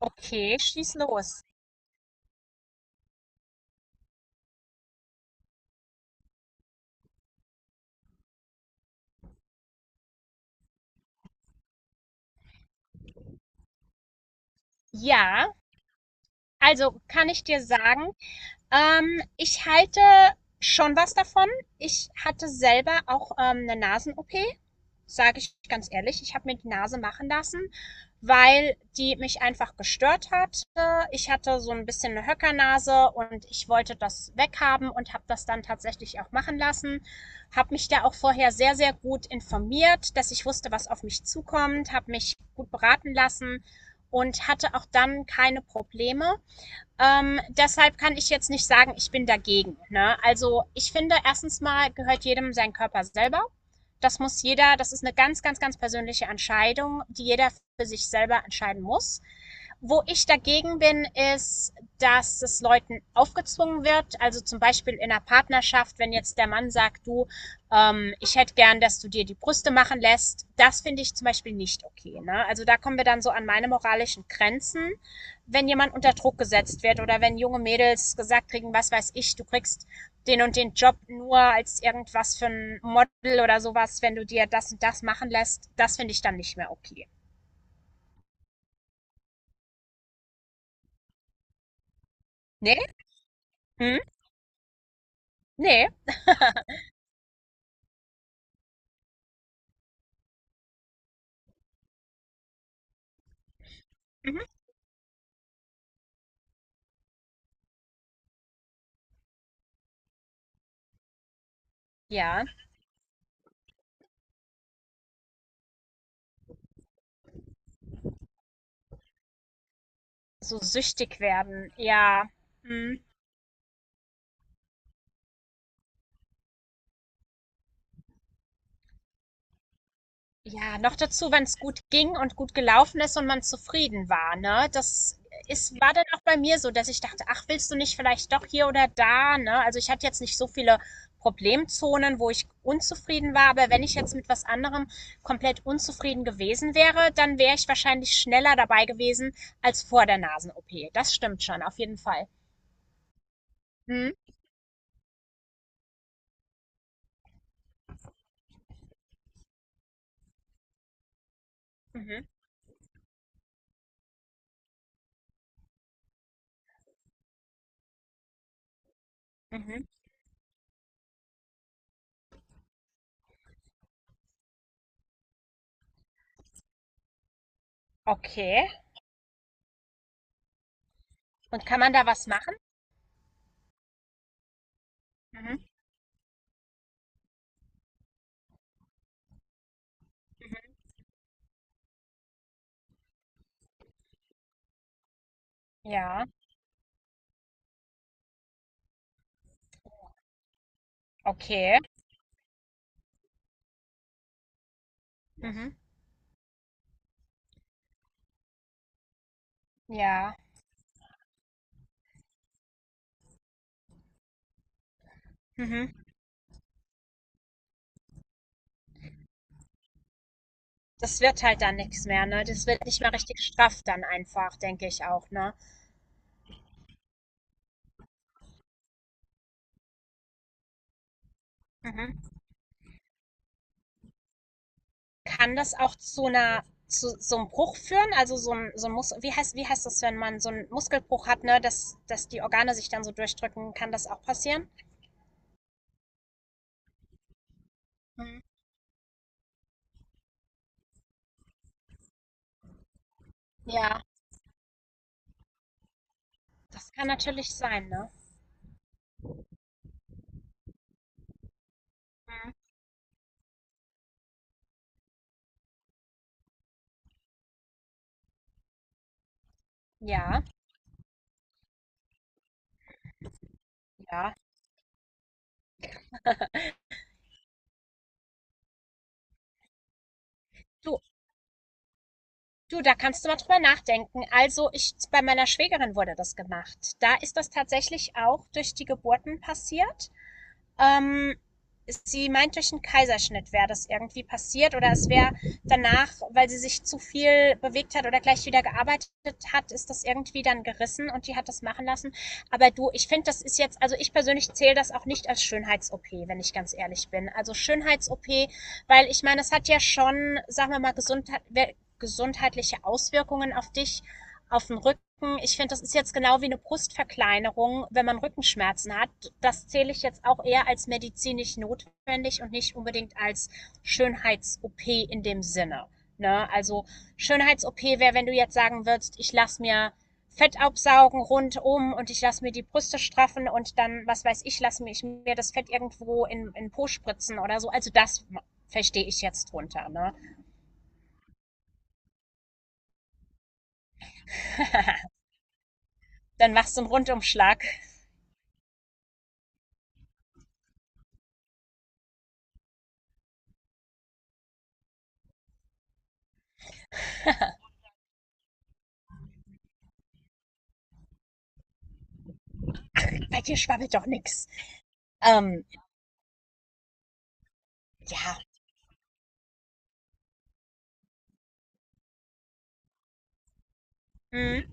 Okay, schieß los. Ja, also kann ich dir sagen, ich halte schon was davon. Ich hatte selber auch eine Nasen-OP, sage ich ganz ehrlich, ich habe mir die Nase machen lassen, weil die mich einfach gestört hat. Ich hatte so ein bisschen eine Höckernase und ich wollte das weghaben und habe das dann tatsächlich auch machen lassen. Habe mich da auch vorher sehr, sehr gut informiert, dass ich wusste, was auf mich zukommt, habe mich gut beraten lassen und hatte auch dann keine Probleme. Deshalb kann ich jetzt nicht sagen, ich bin dagegen. Ne? Also ich finde, erstens mal gehört jedem sein Körper selber. Das muss jeder, das ist eine ganz, ganz, ganz persönliche Entscheidung, die jeder für sich selber entscheiden muss. Wo ich dagegen bin, ist, dass es Leuten aufgezwungen wird. Also zum Beispiel in einer Partnerschaft, wenn jetzt der Mann sagt, du, ich hätte gern, dass du dir die Brüste machen lässt. Das finde ich zum Beispiel nicht okay. Ne? Also da kommen wir dann so an meine moralischen Grenzen, wenn jemand unter Druck gesetzt wird oder wenn junge Mädels gesagt kriegen, was weiß ich, du kriegst den und den Job nur als irgendwas für ein Model oder sowas, wenn du dir das und das machen lässt, das finde ich dann nicht mehr okay. Nee? Hm? Nee? Mhm. Ja. So süchtig werden. Ja. Hm. Ja, noch dazu, wenn es gut ging und gut gelaufen ist und man zufrieden war, ne? Das ist war dann auch bei mir so, dass ich dachte: „Ach, willst du nicht vielleicht doch hier oder da“, ne? Also, ich hatte jetzt nicht so viele Problemzonen, wo ich unzufrieden war, aber wenn ich jetzt mit was anderem komplett unzufrieden gewesen wäre, dann wäre ich wahrscheinlich schneller dabei gewesen als vor der Nasen-OP. Das stimmt schon, auf jeden Fall. Mhm, mhm, mhm. Okay. Und kann man da was machen? Mhm, mhm. Ja, okay. Mhm. Ja. Mhm. Das wird halt dann nichts mehr, ne? Das wird nicht mehr richtig straff dann einfach, denke ich auch, ne? Mhm. Kann das auch zu so einem Bruch führen? Also, so ein Mus wie heißt das, wenn man so einen Muskelbruch hat, ne, dass die Organe sich dann so durchdrücken? Kann das auch passieren? Mhm. Ja. Das kann natürlich sein, ne? Mhm. Ja, ja. Du du, da kannst du mal drüber nachdenken. Also, ich bei meiner Schwägerin wurde das gemacht. Da ist das tatsächlich auch durch die Geburten passiert. Ähm, Sie meint, durch einen Kaiserschnitt wäre das irgendwie passiert oder es wäre danach, weil sie sich zu viel bewegt hat oder gleich wieder gearbeitet hat, ist das irgendwie dann gerissen und die hat das machen lassen. Aber du, ich finde, das ist jetzt, also ich persönlich zähle das auch nicht als Schönheits-OP, wenn ich ganz ehrlich bin. Also Schönheits-OP, weil ich meine, es hat ja schon, sagen wir mal, Gesundheit, gesundheitliche Auswirkungen auf dich, auf den Rücken. Ich finde, das ist jetzt genau wie eine Brustverkleinerung, wenn man Rückenschmerzen hat. Das zähle ich jetzt auch eher als medizinisch notwendig und nicht unbedingt als Schönheits-OP in dem Sinne. Ne? Also Schönheits-OP wäre, wenn du jetzt sagen würdest, ich lasse mir Fett absaugen rundum und ich lasse mir die Brüste straffen und dann, was weiß ich, lasse ich mir das Fett irgendwo in Po spritzen oder so. Also das verstehe ich jetzt drunter. Ne? Dann machst du einen Rundumschlag. Bei dir schwabbelt doch nix. Ähm, ja. Mhm.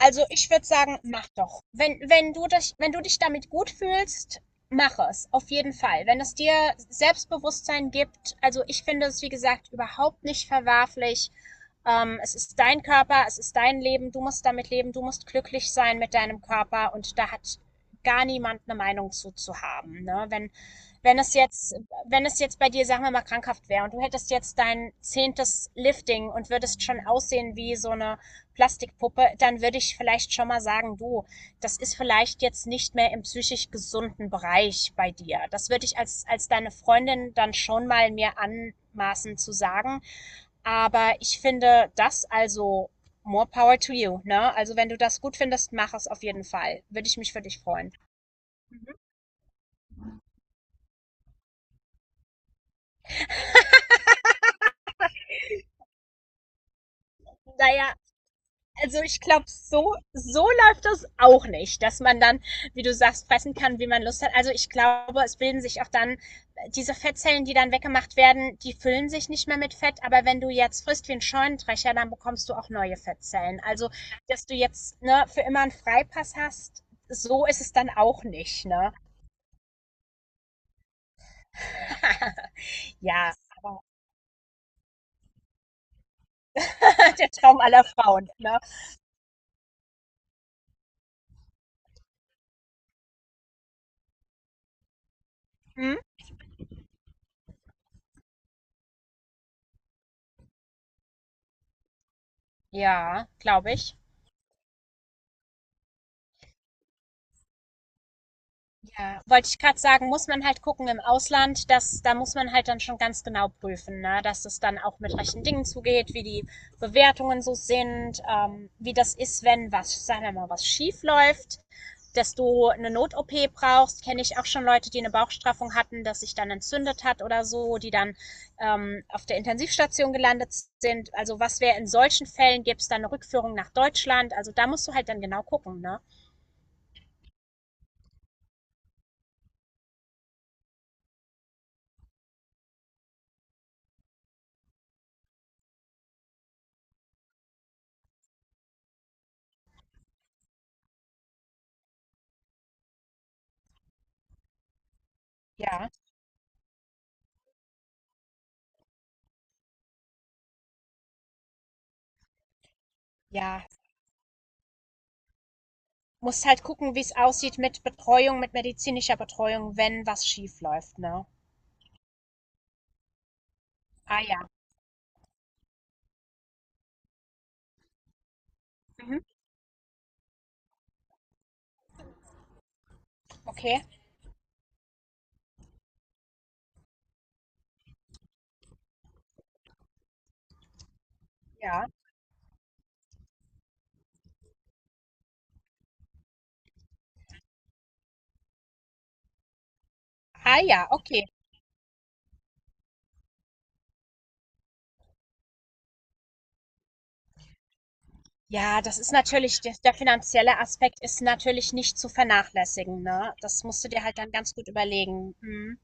Also, ich würde sagen, mach doch. Wenn du dich damit gut fühlst, mach es. Auf jeden Fall. Wenn es dir Selbstbewusstsein gibt, also ich finde es, wie gesagt, überhaupt nicht verwerflich. Es ist dein Körper, es ist dein Leben, du musst damit leben, du musst glücklich sein mit deinem Körper und da hat gar niemand eine Meinung zu haben. Ne? Wenn es jetzt, wenn es jetzt bei dir, sagen wir mal, krankhaft wäre und du hättest jetzt dein zehntes Lifting und würdest schon aussehen wie so eine Plastikpuppe, dann würde ich vielleicht schon mal sagen, du, das ist vielleicht jetzt nicht mehr im psychisch gesunden Bereich bei dir. Das würde ich als deine Freundin dann schon mal mir anmaßen zu sagen. Aber ich finde das also more power to you, ne? Also wenn du das gut findest, mach es auf jeden Fall. Würde ich mich für dich freuen. Mhm. Naja, also ich glaube, so läuft das auch nicht, dass man dann, wie du sagst, fressen kann, wie man Lust hat. Also ich glaube, es bilden sich auch dann diese Fettzellen, die dann weggemacht werden, die füllen sich nicht mehr mit Fett. Aber wenn du jetzt frisst wie ein Scheunendrescher, dann bekommst du auch neue Fettzellen. Also, dass du jetzt ne, für immer einen Freipass hast, so ist es dann auch nicht. Ne? Ja, aber. Der Traum aller Frauen. Ne? Hm? Ja, glaube ich. Ja, wollte ich gerade sagen, muss man halt gucken im Ausland, dass da muss man halt dann schon ganz genau prüfen, ne? Dass es dann auch mit rechten Dingen zugeht, wie die Bewertungen so sind, wie das ist, wenn was, sagen wir mal, was schief läuft, dass du eine Not-OP brauchst. Kenne ich auch schon Leute, die eine Bauchstraffung hatten, dass sich dann entzündet hat oder so, die dann auf der Intensivstation gelandet sind. Also was wäre in solchen Fällen, gäbe es dann eine Rückführung nach Deutschland? Also da musst du halt dann genau gucken, ne? Ja, ja, musst halt gucken, wie es aussieht mit Betreuung, mit medizinischer Betreuung, wenn was schief läuft, ne? Ah ja. Mhm. Okay. Ja. Ah ja, okay. Ja, das ist natürlich, der finanzielle Aspekt ist natürlich nicht zu vernachlässigen, ne? Das musst du dir halt dann ganz gut überlegen. Mhm.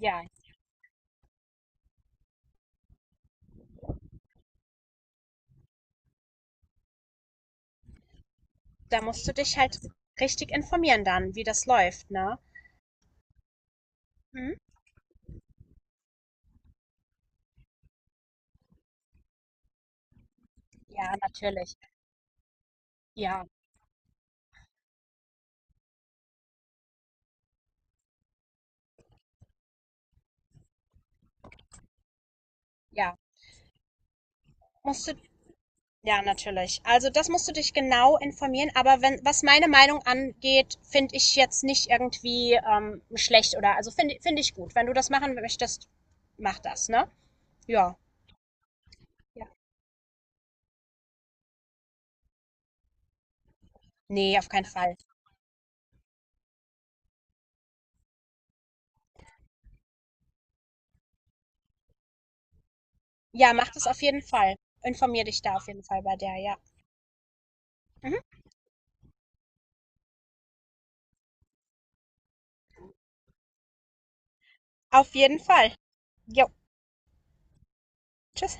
Ja, da musst du dich halt richtig informieren dann, wie das läuft, ne? Mhm. Ja, natürlich. Ja, ja. Musst du Ja, natürlich. Also, das musst du dich genau informieren, aber wenn was meine Meinung angeht, finde ich jetzt nicht irgendwie, schlecht oder also finde ich gut. Wenn du das machen möchtest, mach das, ne? Ja. Ja. Ne, auf keinen Fall. Ja, mach das auf jeden Fall. Informier dich da auf jeden Fall bei der, ja. Mhm. Auf jeden Fall. Jo. Tschüss.